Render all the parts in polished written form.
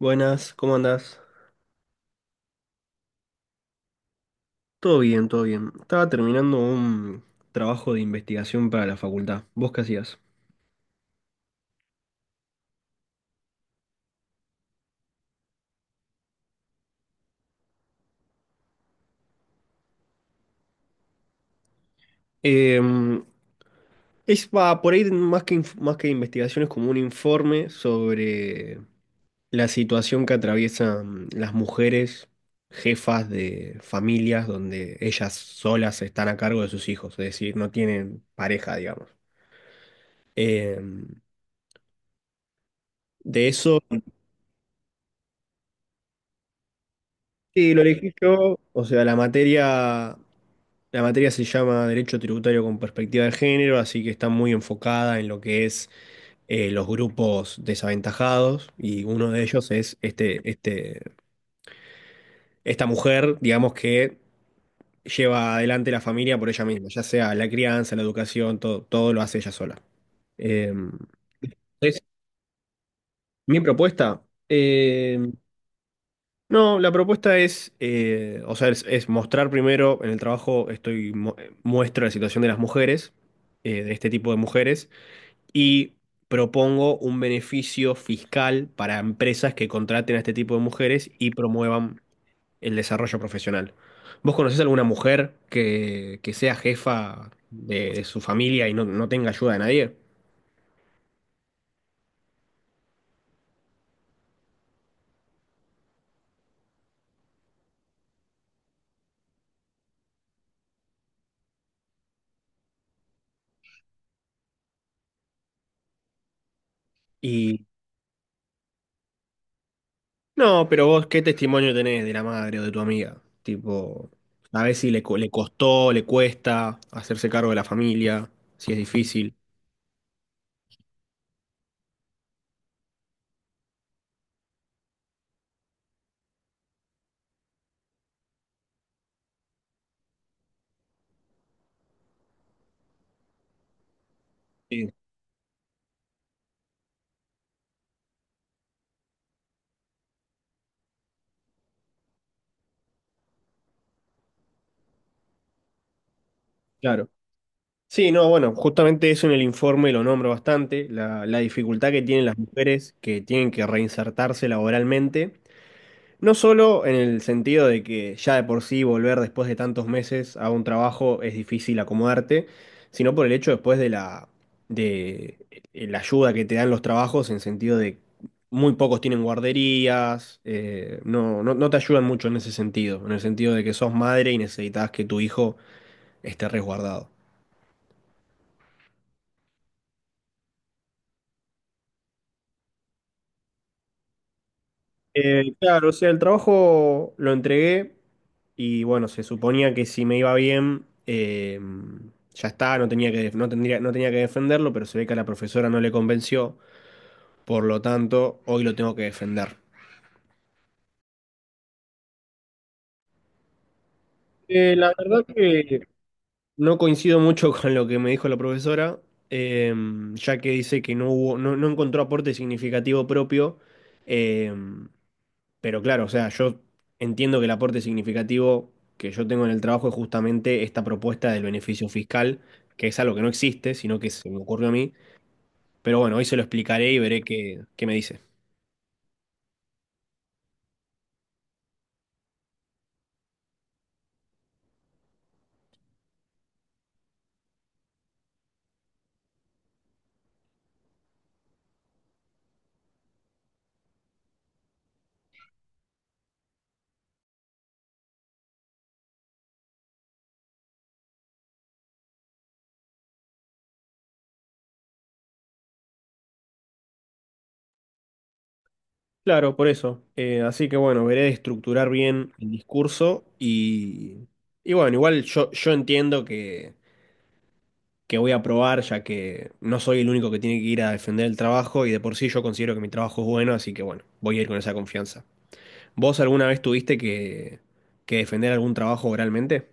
Buenas, ¿cómo andás? Todo bien, todo bien. Estaba terminando un trabajo de investigación para la facultad. ¿Vos qué hacías? Em, es va, por ahí más que más que investigación es como un informe sobre la situación que atraviesan las mujeres jefas de familias donde ellas solas están a cargo de sus hijos, es decir, no tienen pareja, digamos. Em, de eso. Sí, lo elegí yo. O sea, la materia se llama Derecho Tributario con Perspectiva de Género, así que está muy enfocada en lo que es los grupos desaventajados y uno de ellos es esta mujer, digamos, que lleva adelante la familia por ella misma, ya sea la crianza, la educación, todo, todo lo hace ella sola. Eh, entonces, mi propuesta, em, no, la propuesta es, o sea, es mostrar primero en el trabajo, muestro la situación de las mujeres, de este tipo de mujeres, y propongo un beneficio fiscal para empresas que contraten a este tipo de mujeres y promuevan el desarrollo profesional. ¿Vos conocés alguna mujer que sea jefa de su familia y no tenga ayuda de nadie? No, pero vos, ¿qué testimonio tenés de la madre o de tu amiga? Tipo, a ver si le, co- le costó, le cuesta hacerse cargo de la familia, si es difícil. Sí, claro. Sí, no, bueno, justamente eso en el informe lo nombro bastante, la dificultad que tienen las mujeres que tienen que reinsertarse laboralmente. No solo en el sentido de que ya de por sí volver después de tantos meses a un trabajo es difícil acomodarte, sino por el hecho después de la ayuda que te dan los trabajos en sentido de muy pocos tienen guarderías, no te ayudan mucho en ese sentido, en el sentido de que sos madre y necesitas que tu hijo esté resguardado. Claro, o sea, el trabajo lo entregué y bueno, se suponía que si me iba bien, ya está, no tenía que defenderlo, pero se ve que a la profesora no le convenció, por lo tanto, hoy lo tengo que defender. La verdad que no coincido mucho con lo que me dijo la profesora, eh, ya que dice que no hubo, no, no encontró aporte significativo propio. eh, Pero claro, o sea, yo entiendo que el aporte significativo que yo tengo en el trabajo es justamente esta propuesta del beneficio fiscal, que es algo que no existe, sino que se me ocurrió a mí. Pero bueno, hoy se lo explicaré y veré qué me dice. Claro, por eso. Así que bueno, veré de estructurar bien el discurso y bueno, yo entiendo que voy a aprobar, ya que no soy el único que tiene que ir a defender el trabajo y de por sí yo considero que mi trabajo es bueno, así que bueno, voy a ir con esa confianza. ¿Vos alguna vez tuviste que defender algún trabajo oralmente?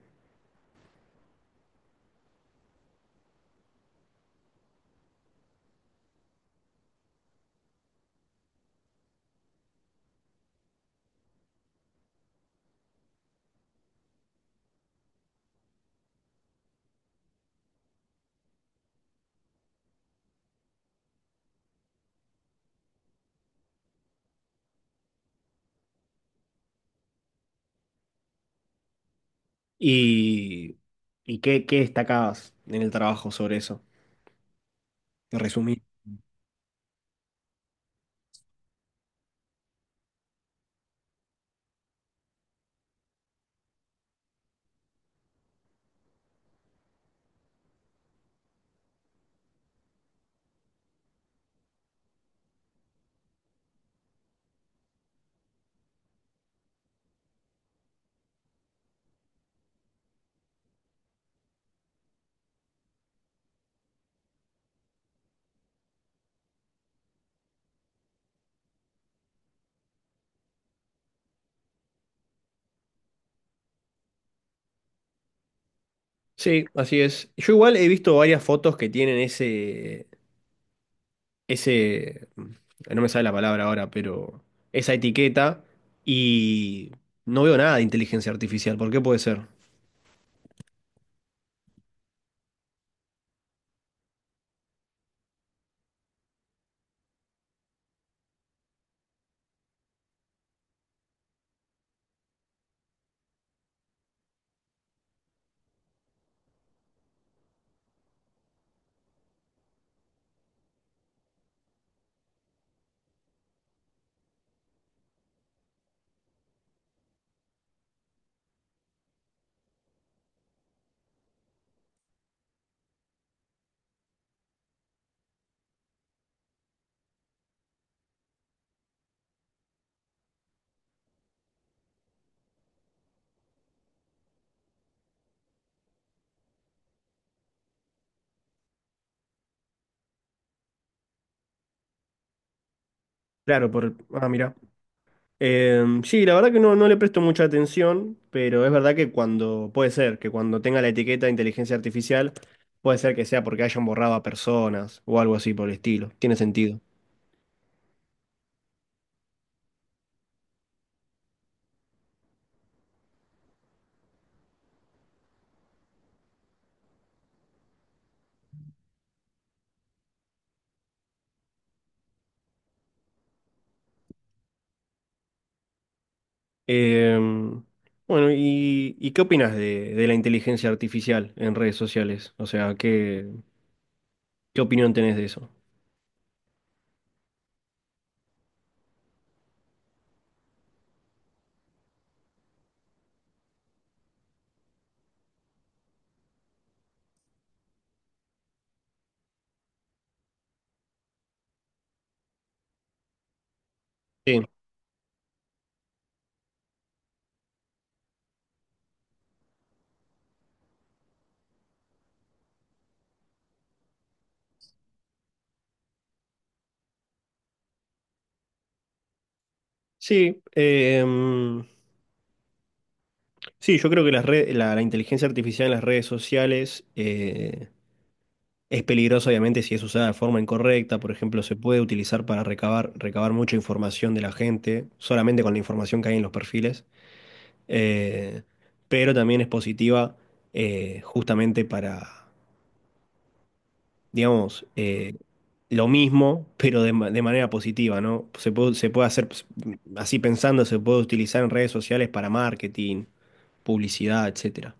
¿Y, y qué destacabas en el trabajo sobre eso? Te resumí. Sí, así es. Yo igual he visto varias fotos que tienen ese no me sale la palabra ahora, pero esa etiqueta y no veo nada de inteligencia artificial. ¿Por qué puede ser? Claro, por... Ah, mira. Sí, la verdad que no le presto mucha atención, pero es verdad que cuando, puede ser, que cuando tenga la etiqueta de inteligencia artificial, puede ser que sea porque hayan borrado a personas o algo así por el estilo. Tiene sentido. Em, bueno, y qué opinas de la inteligencia artificial en redes sociales? O sea, ¿qué, qué opinión tenés de eso? Sí, sí, sí, yo creo que la inteligencia artificial en las redes sociales, es peligroso, obviamente, si es usada de forma incorrecta. Por ejemplo, se puede utilizar para recabar mucha información de la gente, solamente con la información que hay en los perfiles. Eh, pero también es positiva justamente para, digamos, lo mismo, pero de manera positiva, ¿no? Se puede hacer, pues, así pensando, se puede utilizar en redes sociales para marketing, publicidad, etcétera.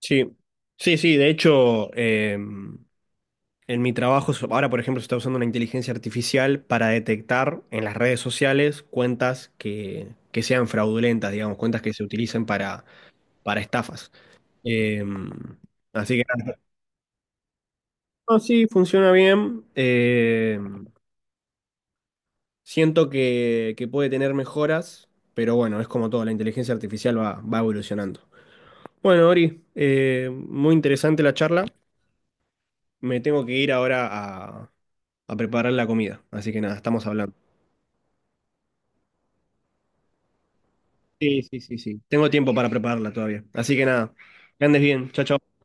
Sí, sí, sí, de hecho. En mi trabajo, ahora por ejemplo, se está usando una inteligencia artificial para detectar en las redes sociales cuentas que sean fraudulentas, digamos, cuentas que se utilicen para estafas. Eh, Así que nada. No, sí, funciona bien. Siento que puede tener mejoras, pero bueno, es como todo, la inteligencia artificial va evolucionando. Bueno, Ori, muy interesante la charla. Me tengo que ir ahora a preparar la comida, así que nada, estamos hablando. Sí, sí, sí, sí. Tengo tiempo para prepararla todavía. Así que nada, que andes bien. Chao, chao.